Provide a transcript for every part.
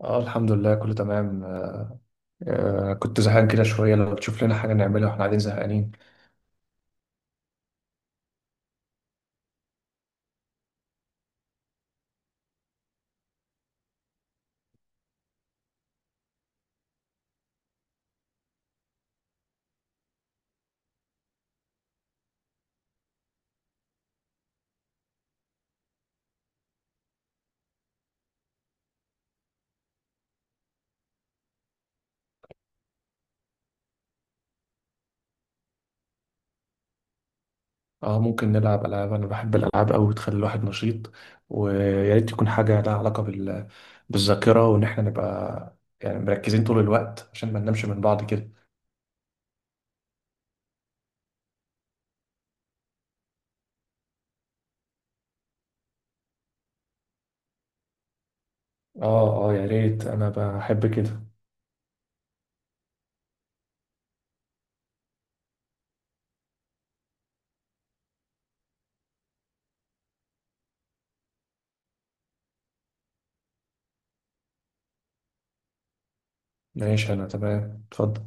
اه، الحمد لله كله تمام. كنت زهقان كده شوية. لو تشوف لنا حاجة نعملها واحنا قاعدين زهقانين. اه، ممكن نلعب ألعاب. أنا بحب الألعاب أوي، بتخلي الواحد نشيط. ويا ريت تكون حاجة لها علاقة بالذاكرة، وإن احنا نبقى يعني مركزين طول الوقت عشان ما ننامش من بعض كده. اه، يا ريت، أنا بحب كده. ماشي، أنا تمام، اتفضل.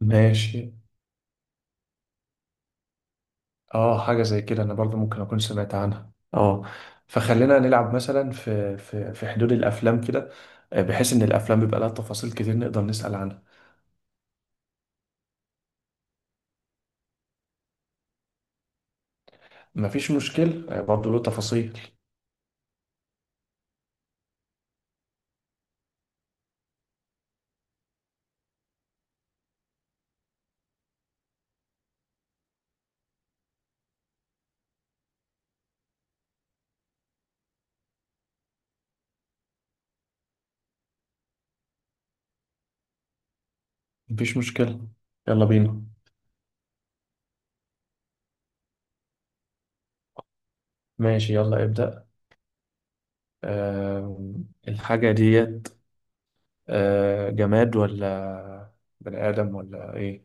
ماشي. اه، حاجة زي كده انا برضو ممكن اكون سمعت عنها، اه. فخلينا نلعب مثلا في حدود الافلام كده. بحيث ان الافلام بيبقى لها تفاصيل كتير نقدر نسأل عنها. مفيش مشكل، برضو له تفاصيل. مفيش مشكلة، يلا بينا. ماشي، يلا ابدأ. آه. الحاجة ديت جماد ولا بني آدم ولا ايه؟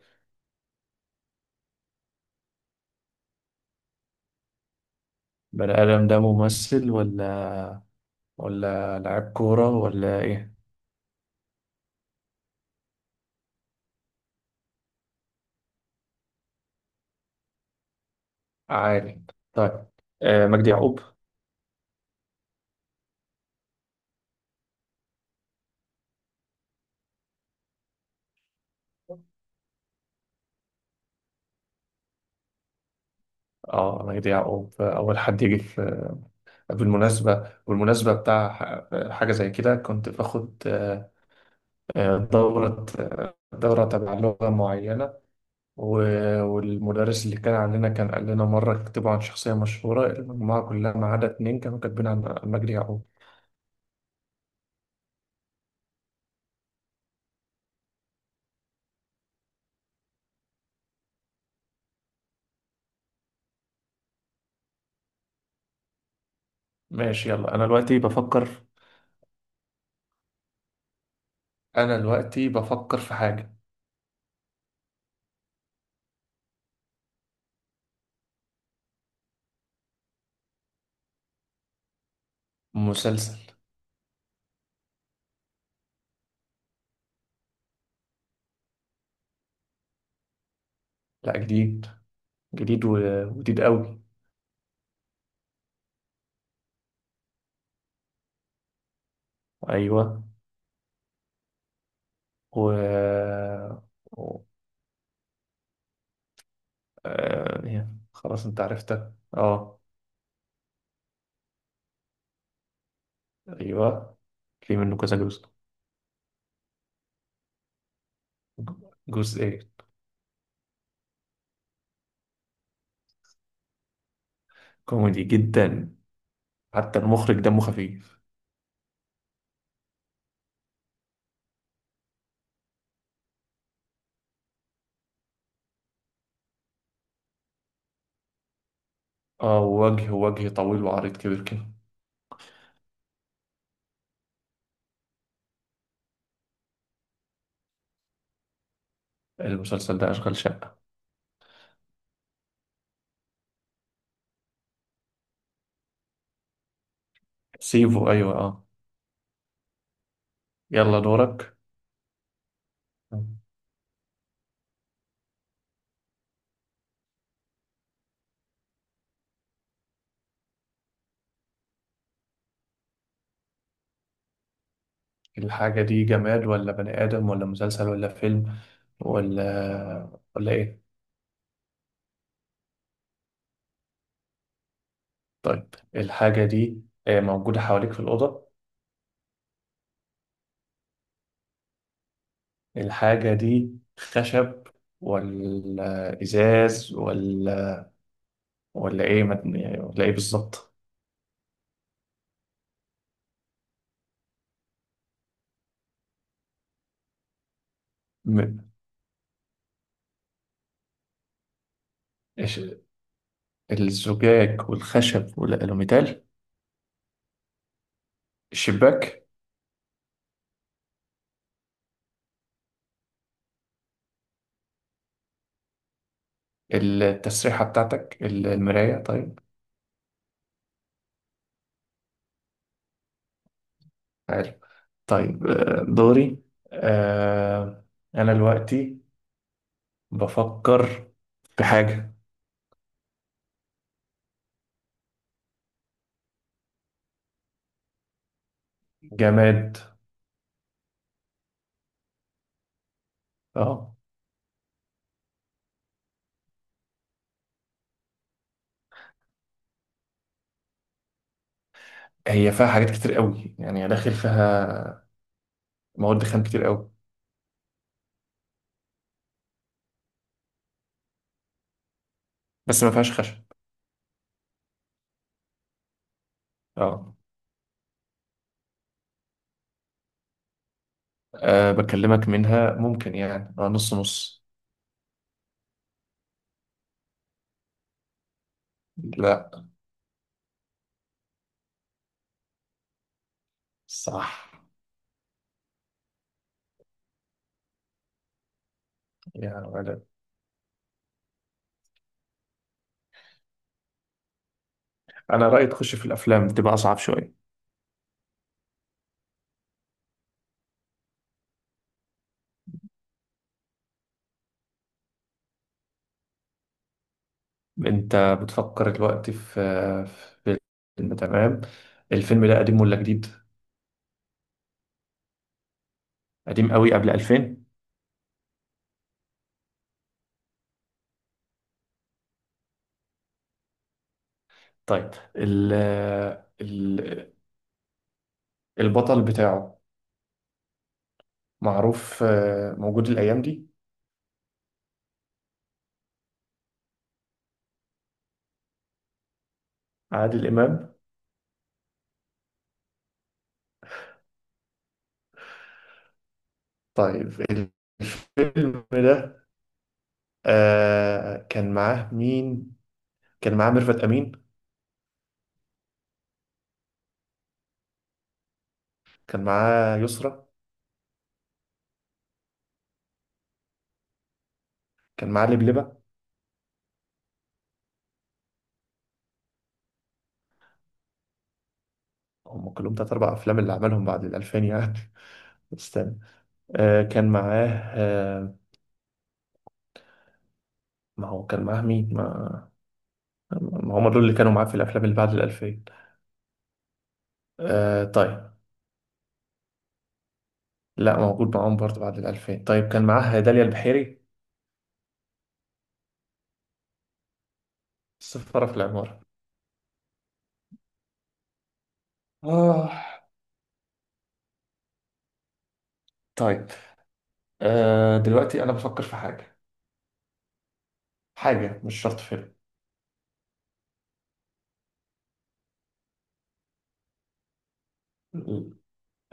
بني آدم ده ممثل ولا، ولا لاعب كورة ولا ايه؟ عادي، طيب. آه، مجدي يعقوب. اه، انا يضيع او اول حد يجي في. بالمناسبه بتاع حاجه زي كده، كنت باخد دوره، دوره تبع لغه معينه. والمدرس اللي كان عندنا كان قال لنا مره: اكتبوا عن شخصيه مشهوره. المجموعه كلها ما عدا اتنين كانوا كاتبين عن مجدي يعقوب. ماشي، يلا انا دلوقتي بفكر. انا دلوقتي بفكر في حاجه. مسلسل. لا، جديد. جديد و- وجديد قوي. ايوه. و، آه يعني خلاص انت عرفتها، اه. ايوه، في منه كذا جزء. جزء ايه؟ كوميدي جدا، حتى المخرج دمه خفيف. اه، وجه طويل وعريض كبير كده. المسلسل ده اشغال شقة. سيفو، ايوه اه. يلا دورك. الحاجة دي جماد ولا بني آدم ولا مسلسل ولا فيلم، ولا ايه؟ طيب، الحاجة دي موجودة حواليك في الأوضة. الحاجة دي خشب ولا إزاز ولا إيه يعني، ولا إيه بالظبط؟ م- إيش- الزجاج والخشب والألوميتال؟ الشباك. التسريحة بتاعتك، المراية. طيب، حلو. طيب، دوري. آه، أنا دلوقتي بفكر في حاجة. جماد. اه، هي فيها حاجات كتير قوي يعني، داخل فيها مواد خام كتير قوي. بس ما فيهاش خشب. اه. أه بكلمك منها ممكن يعني، أه نص نص. لا. صح. يا ولد، أنا رأيي تخش في الأفلام، بتبقى أصعب شوية. أنت بتفكر دلوقتي في فيلم، تمام. الفيلم ده قديم ولا جديد؟ قديم قوي، قبل 2000. طيب، ال ال البطل بتاعه معروف، موجود الأيام دي. عادل إمام. طيب، الفيلم ده كان معاه مين؟ كان معاه ميرفت أمين. كان معاه يسرى. كان معاه لبلبة. هم كلهم تلات أربع أفلام اللي عملهم بعد الألفين يعني. استنى. آه كان معاه، آه. ما هو كان معاه مين؟ ما هم دول اللي كانوا معاه في الأفلام اللي بعد الألفين. آه، طيب. لا، موجود معاهم برضه بعد الألفين. طيب، كان معاه داليا البحيري. السفارة في العمارة. آه. طيب، آه دلوقتي أنا بفكر في حاجة، حاجة مش شرط فيلم.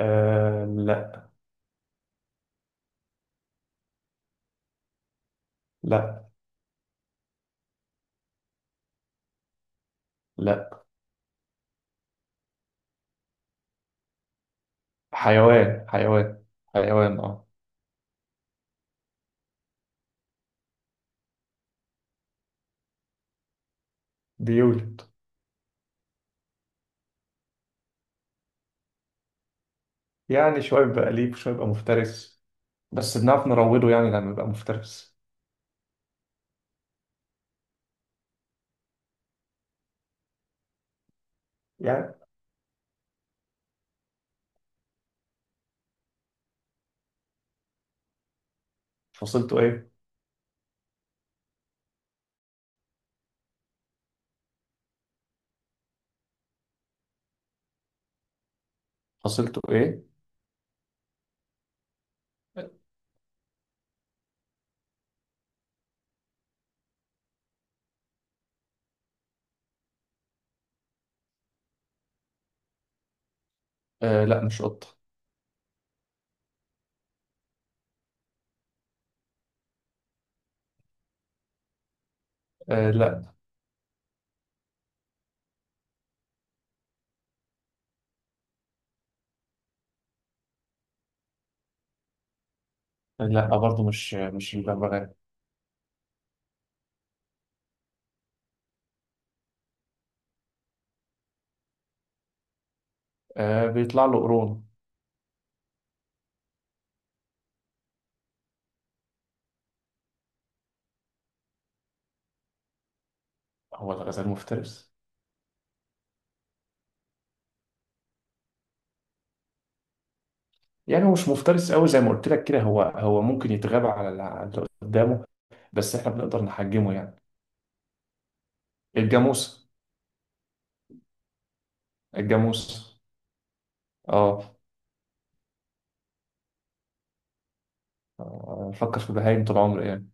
آه لا. لا. لا. حيوان حيوان، اه. بيولد. يعني شوية بيبقى أليف وشوية بيبقى مفترس، بس بنعرف نروضه يعني لما يبقى مفترس. يعني، فصيلته إيه؟ فصيلته إيه؟ آه لا، مش قطة. آه لا. لا برضه، مش الببغاء. آه، بيطلع له قرون. هو الغزال مفترس؟ يعني، هو مش مفترس قوي زي ما قلت لك كده، هو ممكن يتغاب على على اللي قدامه، بس احنا بنقدر نحجمه يعني. الجاموس. الجاموس، اه. آه، فكر في بهايم طول عمري.